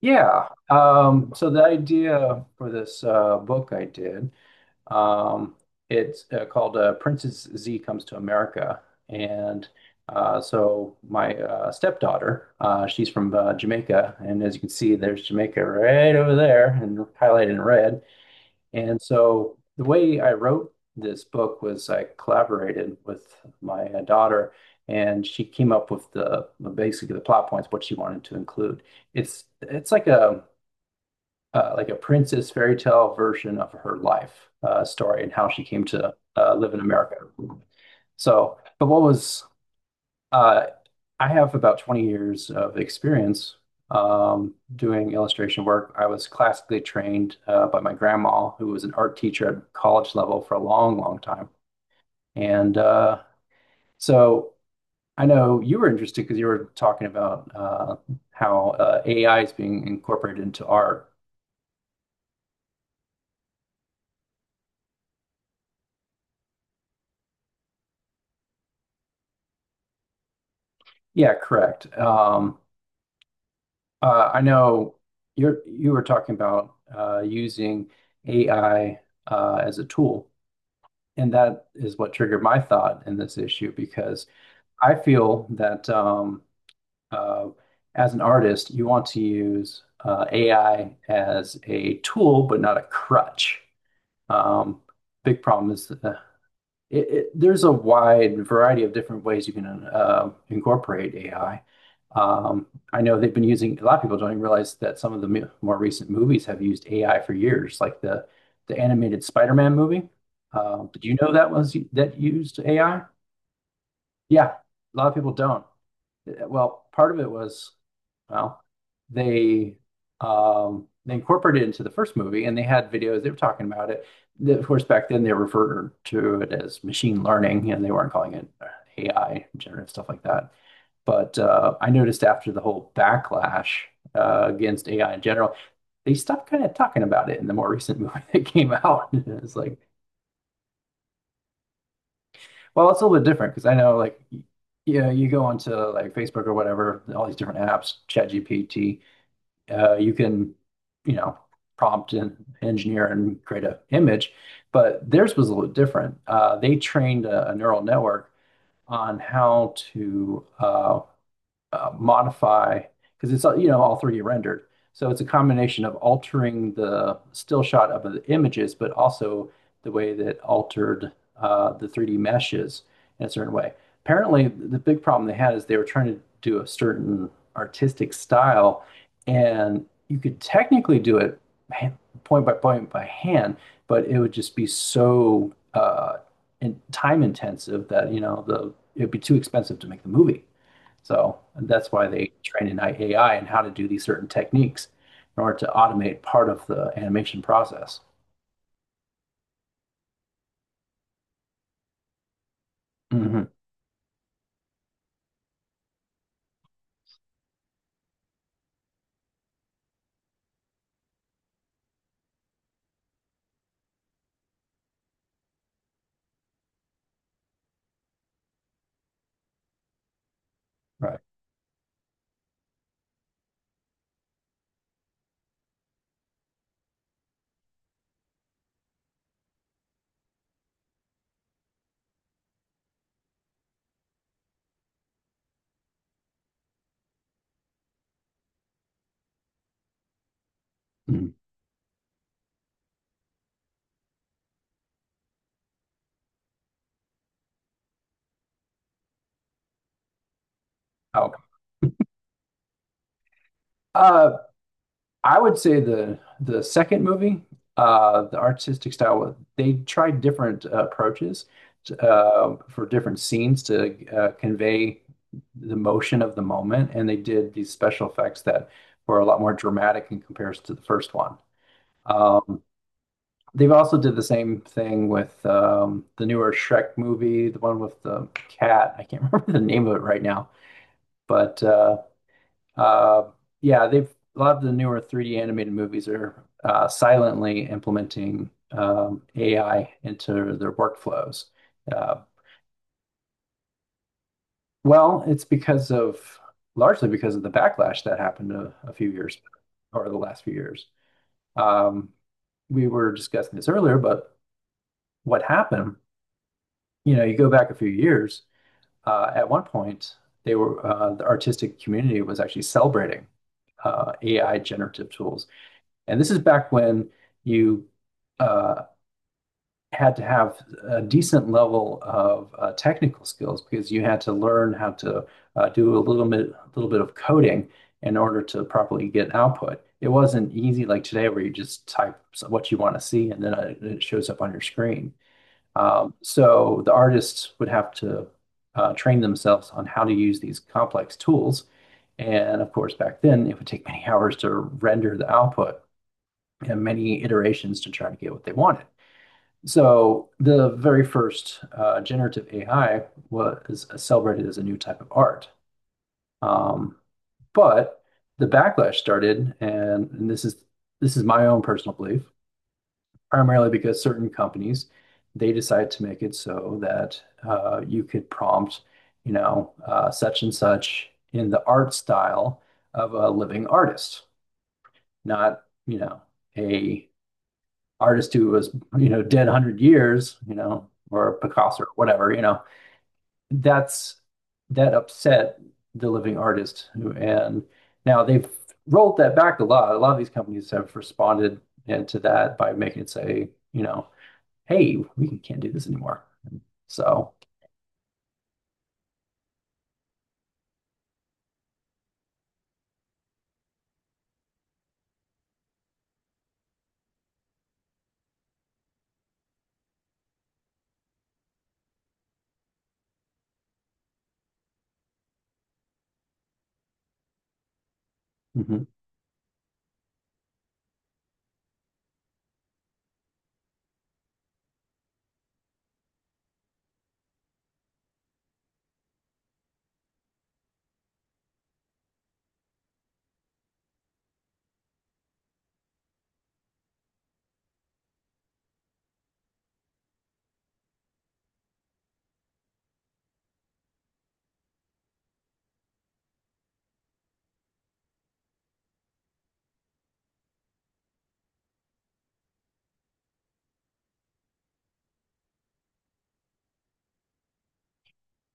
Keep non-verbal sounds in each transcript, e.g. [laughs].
Yeah. So the idea for this book I did, um, it's called Princess Z Comes to America. And so my stepdaughter, she's from Jamaica. And as you can see, there's Jamaica right over there and highlighted in red. And so the way I wrote this book was I collaborated with my daughter, and she came up with the basically the plot points, what she wanted to include. It's like a princess fairy tale version of her life story and how she came to live in America. So, but what was uh, I have about 20 years of experience doing illustration work. I was classically trained by my grandma, who was an art teacher at college level for a long, long time. And so I know you were interested because you were talking about how AI is being incorporated into art. Yeah, correct. I know you were talking about using AI as a tool, and that is what triggered my thought in this issue because I feel that uh, as an artist, you want to use AI as a tool, but not a crutch. Um, Big problem is there's a wide variety of different ways you can incorporate AI. Um, I know they've been using, a lot of people don't even realize that some of the more recent movies have used AI for years, like the animated Spider-Man movie. Did you know that was that used AI? Yeah, a lot of people don't. Well, part of it was, well, they they incorporated it into the first movie and they had videos, they were talking about it. Of course, back then they referred to it as machine learning and they weren't calling it AI, generative stuff like that. But I noticed after the whole backlash against AI in general, they stopped kind of talking about it in the more recent movie [laughs] that came out. [laughs] It's like, well, it's a little bit different because I know like yeah, you go onto like Facebook or whatever, all these different apps, ChatGPT, you can, you know, prompt an engineer and create a image, but theirs was a little different. They trained a neural network on how to modify because it's you know all 3D rendered. So it's a combination of altering the still shot of the images, but also the way that it altered the 3D meshes in a certain way. Apparently, the big problem they had is they were trying to do a certain artistic style, and you could technically do it point by point by hand, but it would just be so time intensive that you know the it would be too expensive to make the movie. So that's why they train in AI and how to do these certain techniques in order to automate part of the animation process. Mhm. Right. Mhm. Okay. Uh, I would say the second movie, the artistic style, well, they tried different approaches for different scenes to convey the motion of the moment, and they did these special effects that were a lot more dramatic in comparison to the first one. Um, They've also did the same thing with the newer Shrek movie, the one with the cat. I can't [laughs] remember the name of it right now, but uh, yeah, they've a lot of the newer 3D animated movies are silently implementing AI into their workflows. Uh, well, it's because of largely because of the backlash that happened a few years ago, or the last few years. Um, we were discussing this earlier, but what happened? You know, you go back a few years at one point, they were the artistic community was actually celebrating AI generative tools, and this is back when you uh, had to have a decent level of technical skills because you had to learn how to do a little bit of coding in order to properly get output. It wasn't easy like today where you just type what you want to see and then it shows up on your screen. So the artists would have to train themselves on how to use these complex tools. And of course, back then, it would take [laughs] many hours to render the output and many iterations to try to get what they wanted. So the very first generative AI was celebrated as a new type of art. Um, but the backlash started, and this is my own personal belief, primarily because certain companies, they decide to make it so that you could prompt, you know, such and such in the art style of a living artist, not, you know, a artist who was, you know, dead 100 years, you know, or Picasso or whatever, you know. That's that upset the living artist. And now they've rolled that back a lot. A lot of these companies have responded and to that by making it say, you know, hey, we can't do this anymore. So, mhm.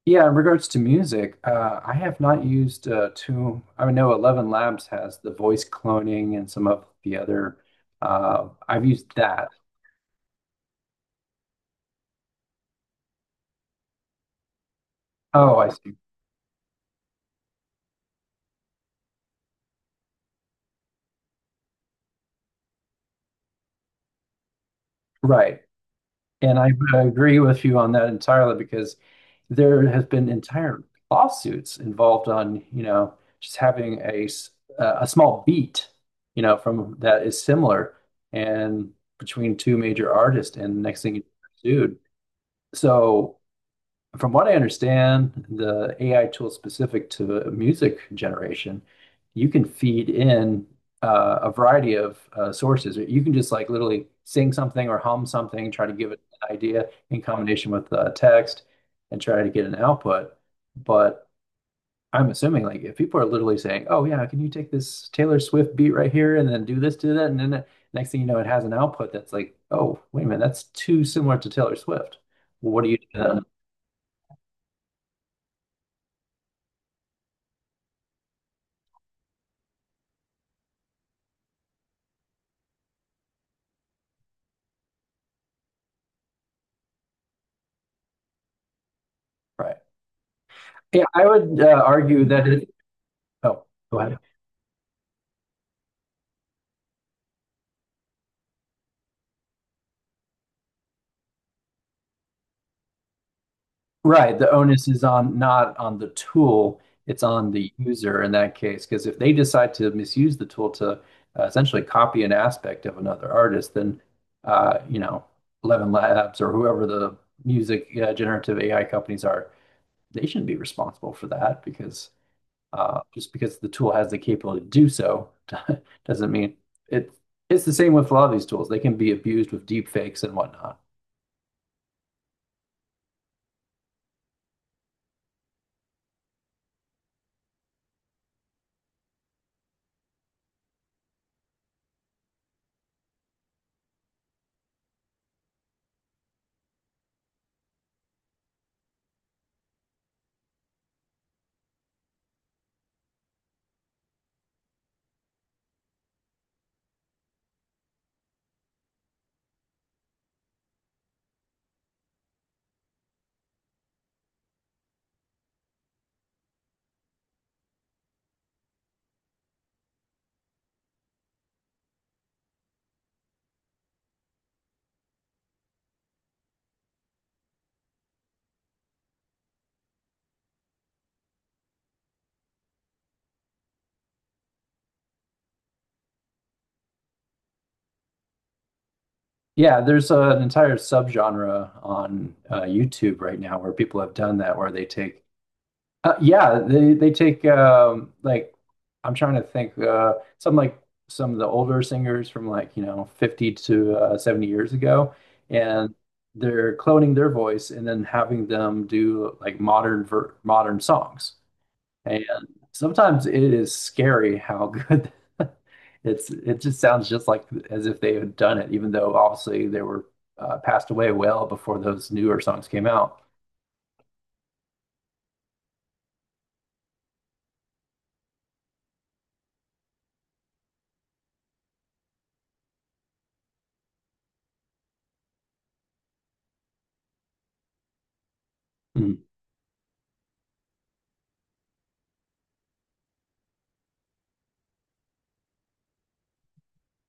Yeah, in regards to music, I have not used too. I know 11 Labs has the voice cloning and some of the other. I've used that. Oh, I see. Right. And I agree with you on that entirely because there has been entire lawsuits involved on, you know, just having a small beat, you know, from that is similar and between two major artists, and next thing you are sued. So from what I understand, the AI tool specific to music generation, you can feed in a variety of sources. You can just like literally sing something or hum something, try to give it an idea in combination with text and try to get an output. But I'm assuming like if people are literally saying, "Oh yeah, can you take this Taylor Swift beat right here and then do this, do that," and then the next thing you know, it has an output that's like, "Oh, wait a minute, that's too similar to Taylor Swift." Well, what do you do then? Right. Yeah, I would argue that oh, go ahead. Right, the onus is on not on the tool, it's on the user in that case. Because if they decide to misuse the tool to essentially copy an aspect of another artist, then you know, 11 Labs or whoever the music generative AI companies are, they shouldn't be responsible for that because just because the tool has the capability to do so [laughs] doesn't mean it. It's the same with a lot of these tools. They can be abused with deep fakes and whatnot. Yeah, there's an entire subgenre on YouTube right now where people have done that, where they take yeah, they take like I'm trying to think, some of the older singers from like you know 50 to 70 years ago, and they're cloning their voice and then having them do like modern ver modern songs. And sometimes it is scary how good [laughs] it just sounds just like as if they had done it, even though obviously they were passed away well before those newer songs came out.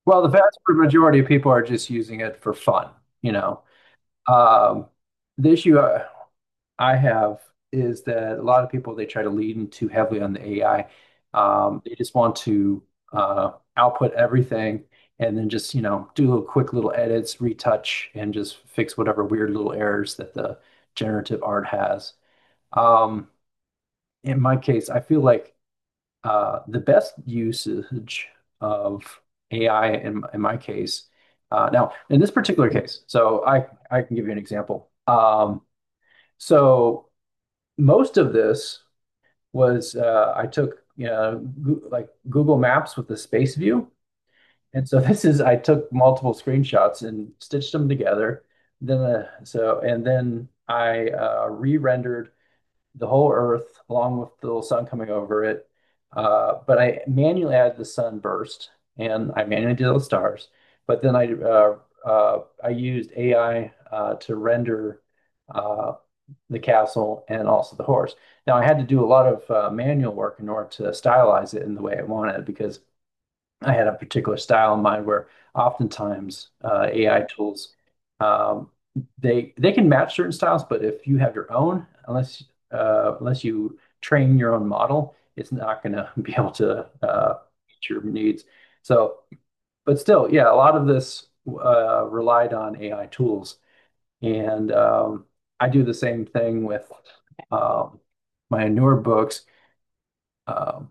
Well, the vast majority of people are just using it for fun, you know. Um, the issue I have is that a lot of people they try to lean too heavily on the AI. They just want to output everything and then just, you know, do little quick little edits, retouch, and just fix whatever weird little errors that the generative art has. Um, in my case, I feel like the best usage of AI in my case. Now, in this particular case, so I can give you an example. So most of this was I took you know, like Google Maps with the space view, and so [laughs] this is I took multiple screenshots and stitched them together. Then so and then I re-rendered the whole Earth along with the little sun coming over it. But I manually added the sun burst and I manually did those stars. But then I used AI to render uh, the castle and also the horse. Now I had to do a lot of manual work in order to stylize it in the way I wanted because I had a particular style in mind where oftentimes AI tools, um, they can match certain styles, but if you have your own, unless you train your own model, it's not going to [laughs] be able to meet your needs. So, but still, yeah, a lot of this relied on AI tools. And I do the same thing with um, my newer books. Uh,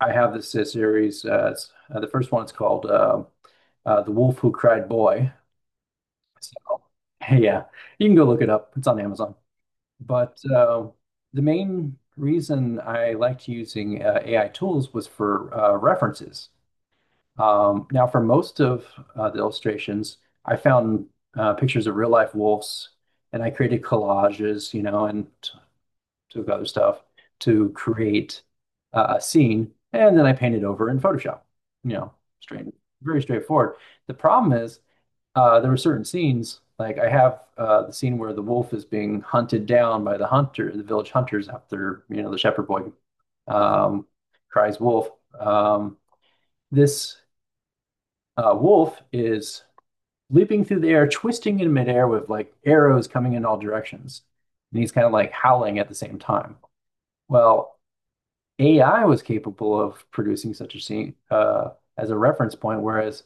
I have this series. The first one's called "The Wolf Who Cried Boy." So, [laughs] yeah, you can go look it up. It's on Amazon. But the main reason I liked using AI tools was for references. Now, for most of the illustrations, I found pictures of real life wolves, and I created collages, you know, and to other stuff to create a scene, and then I paint it over in Photoshop. You know, straight, very straightforward. The problem is there were certain scenes, like I have the scene where the wolf is being hunted down by the hunter, the village hunters after, you know, the shepherd boy um, cries wolf. Um, this wolf is leaping through the air, twisting in midair with like arrows coming in all directions. And he's kind of like howling at the same time. Well, AI was capable of producing such a scene as a reference point, whereas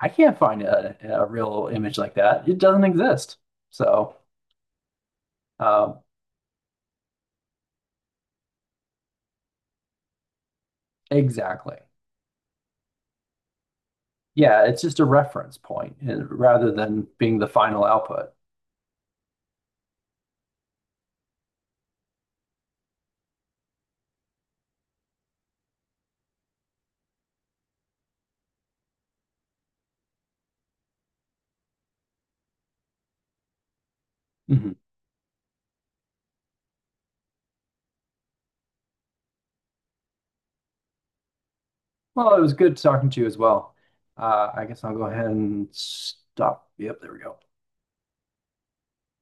I can't find a real image like that. It doesn't exist. So, um, exactly. Yeah, it's just a reference point and rather than being the final output. Mhm. Well, it was good talking to you as well. I guess I'll go ahead and stop. Yep, there we go.